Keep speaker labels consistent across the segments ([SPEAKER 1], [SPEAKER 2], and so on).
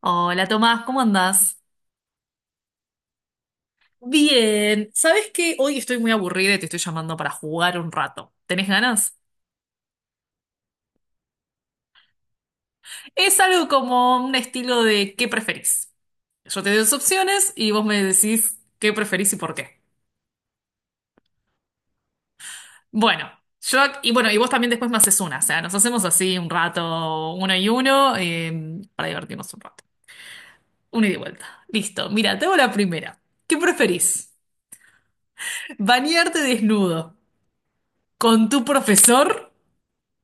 [SPEAKER 1] Hola Tomás, ¿cómo andás? Bien, ¿sabes qué? Hoy estoy muy aburrida y te estoy llamando para jugar un rato. ¿Tenés ganas? Es algo como un estilo de ¿qué preferís? Yo te doy dos opciones y vos me decís qué preferís y por qué. Bueno, yo y bueno, y vos también después me haces una, o sea, nos hacemos así un rato, uno y uno, para divertirnos un rato. Una y de vuelta. Listo, mira, te hago la primera. ¿Qué preferís? ¿Bañarte desnudo con tu profesor?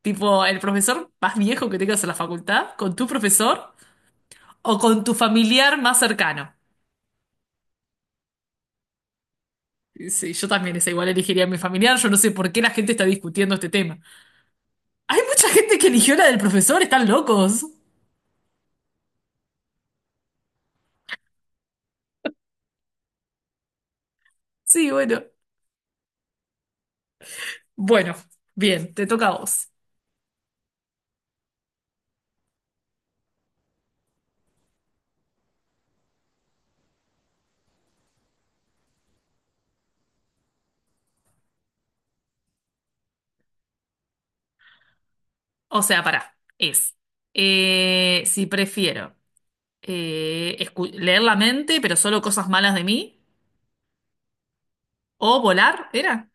[SPEAKER 1] Tipo, el profesor más viejo que tengas en la facultad, con tu profesor o con tu familiar más cercano. Sí, yo también esa igual elegiría a mi familiar. Yo no sé por qué la gente está discutiendo este tema. Hay mucha gente que eligió la del profesor, están locos. Sí, bueno. Bueno, bien, te toca a vos. O sea, pará. Es. eh, si prefiero leer la mente, pero solo cosas malas de mí, o volar, era.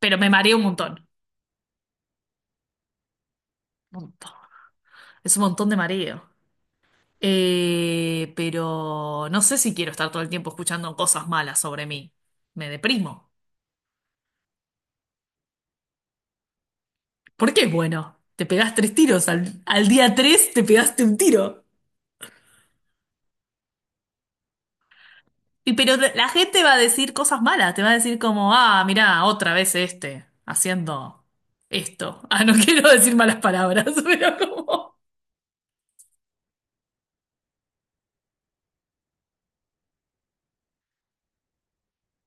[SPEAKER 1] Pero me mareo un montón. Un montón. Es un montón de mareo. Pero no sé si quiero estar todo el tiempo escuchando cosas malas sobre mí. Me deprimo. ¿Por qué es bueno? Te pegás tres tiros. Al día tres te pegaste un tiro. Y pero la gente va a decir cosas malas. Te va a decir como, ah, mirá, otra vez este, haciendo esto. Ah, no quiero decir malas palabras, pero como...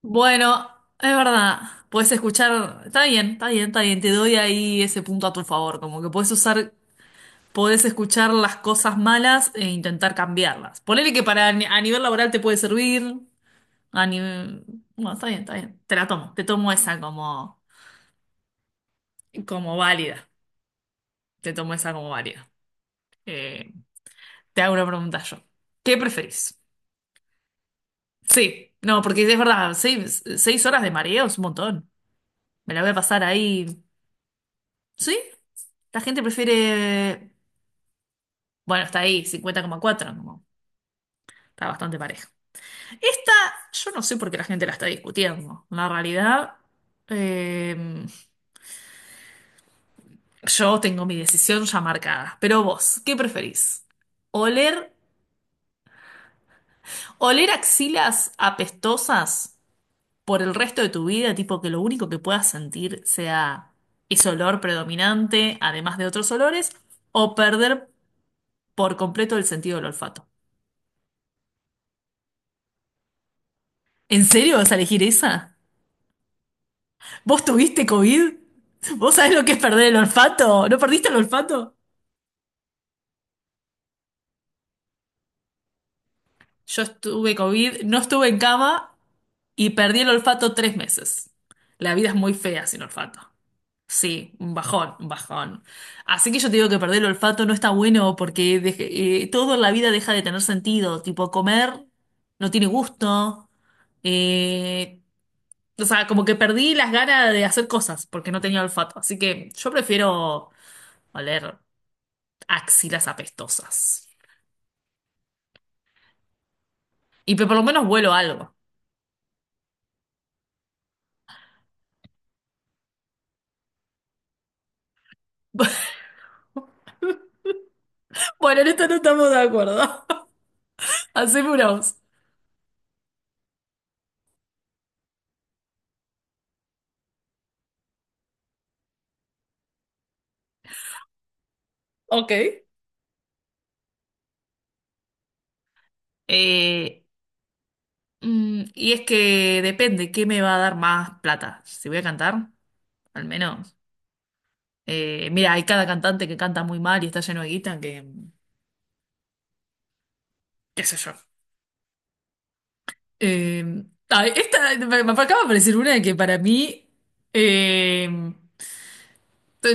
[SPEAKER 1] Bueno, es verdad. Puedes escuchar, está bien, está bien, está bien, te doy ahí ese punto a tu favor, como que puedes usar podés escuchar las cosas malas e intentar cambiarlas. Ponele que para ni- a nivel laboral te puede servir, a nivel... Bueno, está bien, está bien. Te tomo esa como válida. Te tomo esa como válida. Eh, te hago una pregunta yo. ¿Qué preferís? Sí, no, porque es verdad, seis horas de mareo es un montón. Me la voy a pasar ahí. ¿Sí? La gente prefiere... Bueno, está ahí, 50,4, como, está bastante parejo. Esta, yo no sé por qué la gente la está discutiendo. La realidad, eh, yo tengo mi decisión ya marcada. Pero vos, ¿qué preferís? ¿Oler, oler axilas apestosas por el resto de tu vida, tipo que lo único que puedas sentir sea ese olor predominante, además de otros olores, o perder por completo el sentido del olfato? ¿En serio vas a elegir esa? ¿Vos tuviste COVID? ¿Vos sabés lo que es perder el olfato? ¿No perdiste el olfato? Yo estuve COVID, no estuve en cama y perdí el olfato 3 meses. La vida es muy fea sin olfato. Sí, un bajón, un bajón. Así que yo te digo que perder el olfato no está bueno porque todo en la vida deja de tener sentido. Tipo, comer no tiene gusto. Eh, o sea, como que perdí las ganas de hacer cosas porque no tenía olfato. Así que yo prefiero oler axilas apestosas. Por lo menos vuelo algo. Bueno, en esto no estamos de acuerdo. Hacémonos. Ok. Eh, y es que depende, ¿qué me va a dar más plata? Si voy a cantar, al menos. Mira, hay cada cantante que canta muy mal y está lleno de guita que, qué sé yo. Eh, esta, me acaba de aparecer una que para mí eh,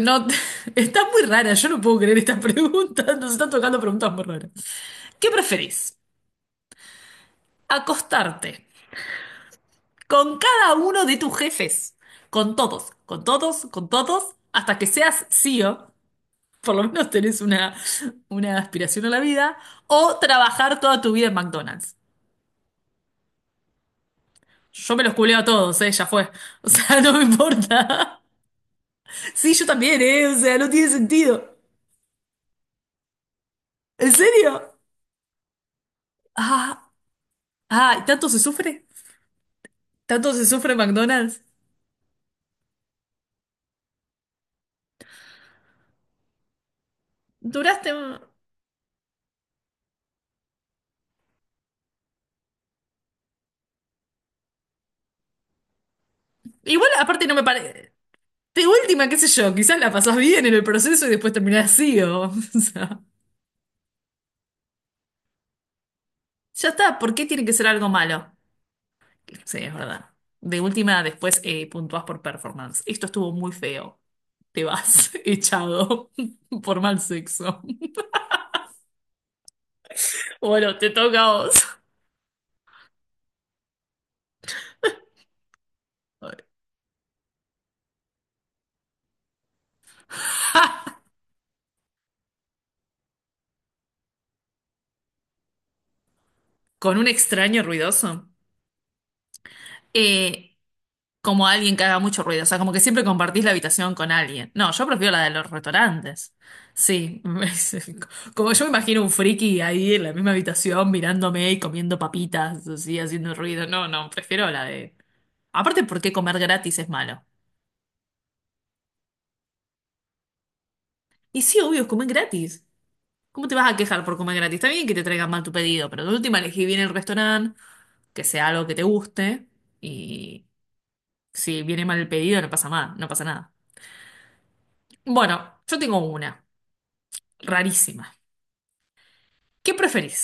[SPEAKER 1] no, está muy rara, yo no puedo creer esta pregunta, nos están tocando preguntas muy raras. ¿Qué preferís? ¿Acostarte con cada uno de tus jefes? Con todos, con todos, con todos, hasta que seas CEO, por lo menos tenés una aspiración a la vida, o trabajar toda tu vida en McDonald's. Yo me los culeo a todos, ya fue. O sea, no me importa. Sí, yo también, o sea, no tiene sentido. ¿En serio? Ah, ah, ¿y tanto se sufre? ¿Tanto se sufre en McDonald's? Duraste... un- Igual, aparte, no me parece. De última, qué sé yo, quizás la pasás bien en el proceso y después terminás así, o sea. Ya está, ¿por qué tiene que ser algo malo? Sí, es verdad. De última, después puntuás por performance. Esto estuvo muy feo. Te vas echado por mal sexo. Bueno, te toca a vos. Con un extraño ruidoso. Eh, como alguien que haga mucho ruido. O sea, como que siempre compartís la habitación con alguien. No, yo prefiero la de los restaurantes. Sí, como yo me imagino un friki ahí en la misma habitación mirándome y comiendo papitas, así, haciendo ruido. No, no, prefiero la de. Aparte, ¿por qué comer gratis es malo? Y sí, obvio, comer gratis. ¿Cómo te vas a quejar por comer gratis? Está bien que te traigan mal tu pedido, pero de última elegí bien el restaurante, que sea algo que te guste, y si viene mal el pedido no pasa nada, no pasa nada. Bueno, yo tengo una rarísima. ¿Qué preferís?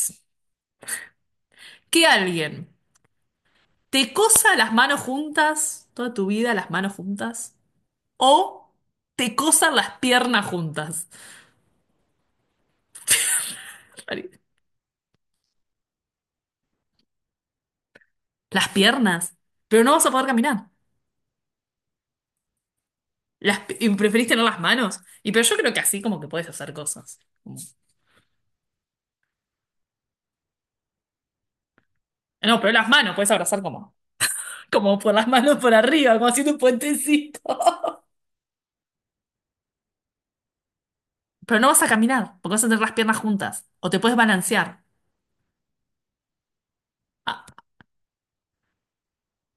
[SPEAKER 1] ¿Que alguien te cosa las manos juntas, toda tu vida las manos juntas? ¿O te cosan las piernas juntas? Las piernas, pero no vas a poder caminar. Y preferís tener las manos. Y pero yo creo que así como que puedes hacer cosas. No, pero las manos, puedes abrazar como por las manos por arriba, como haciendo un puentecito. Pero no vas a caminar, porque vas a tener las piernas juntas. O te puedes balancear. Ah,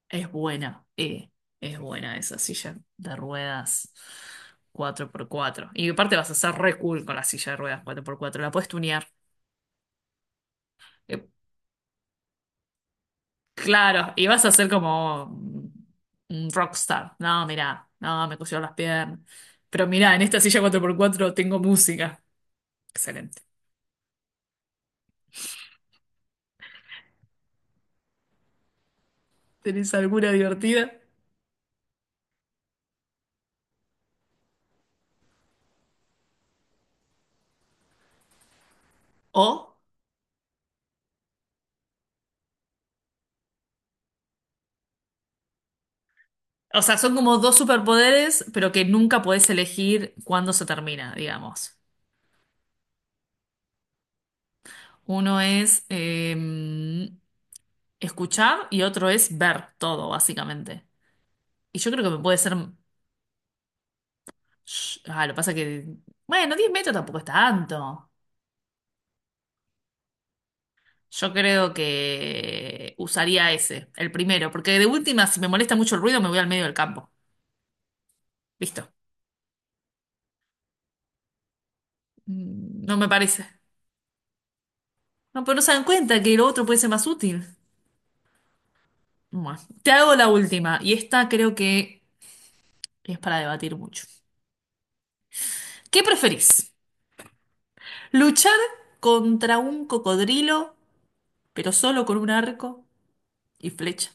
[SPEAKER 1] Es buena, eh, es buena esa silla de ruedas 4x4. Y aparte vas a ser re cool con la silla de ruedas 4x4, la puedes tunear. Eh, claro, y vas a ser como un rockstar. No, mirá, no, me cosieron las piernas. Pero mirá, en esta silla 4x4 tengo música. Excelente. ¿Tenés alguna divertida? O, o sea, son como dos superpoderes, pero que nunca podés elegir cuándo se termina, digamos. Uno es escuchar y otro es ver todo, básicamente. Y yo creo que me puede ser. Ah, lo que pasa que. Bueno, 10 metros tampoco es tanto. Yo creo que usaría ese, el primero, porque de última, si me molesta mucho el ruido, me voy al medio del campo. Listo. No me parece. No, pero no se dan cuenta que lo otro puede ser más útil. Bueno, te hago la última, y esta creo que es para debatir mucho. ¿Qué preferís? ¿Luchar contra un cocodrilo, pero solo con un arco y flecha?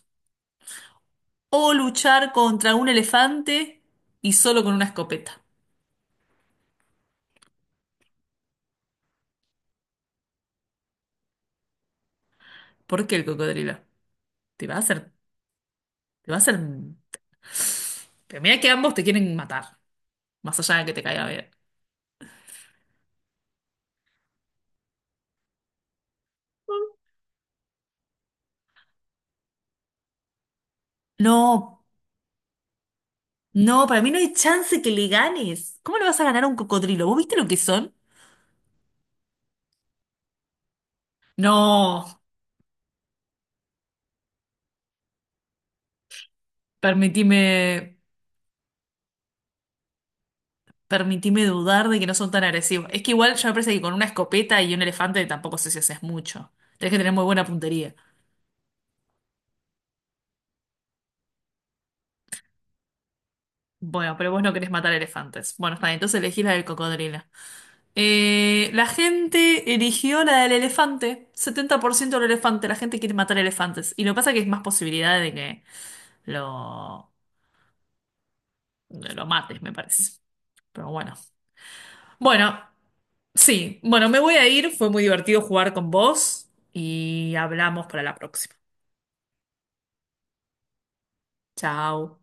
[SPEAKER 1] O luchar contra un elefante y solo con una escopeta. ¿Por qué el cocodrilo? Te va a hacer, te va a hacer. Pero mira que ambos te quieren matar, más allá de que te caiga bien. No, no, para mí no hay chance que le ganes. ¿Cómo le vas a ganar a un cocodrilo? ¿Vos viste lo que son? No, permitime, permitime dudar de que no son tan agresivos. Es que igual yo, me parece que con una escopeta y un elefante tampoco sé si haces mucho. Tenés que tener muy buena puntería. Bueno, pero vos no querés matar elefantes. Bueno, está bien, entonces elegís la del cocodrilo. La gente eligió la del elefante. 70% del elefante. La gente quiere matar elefantes. Y lo que pasa es que hay más posibilidad de que lo, de lo mates, me parece. Pero bueno. Bueno, sí. Bueno, me voy a ir. Fue muy divertido jugar con vos. Y hablamos para la próxima. Chao.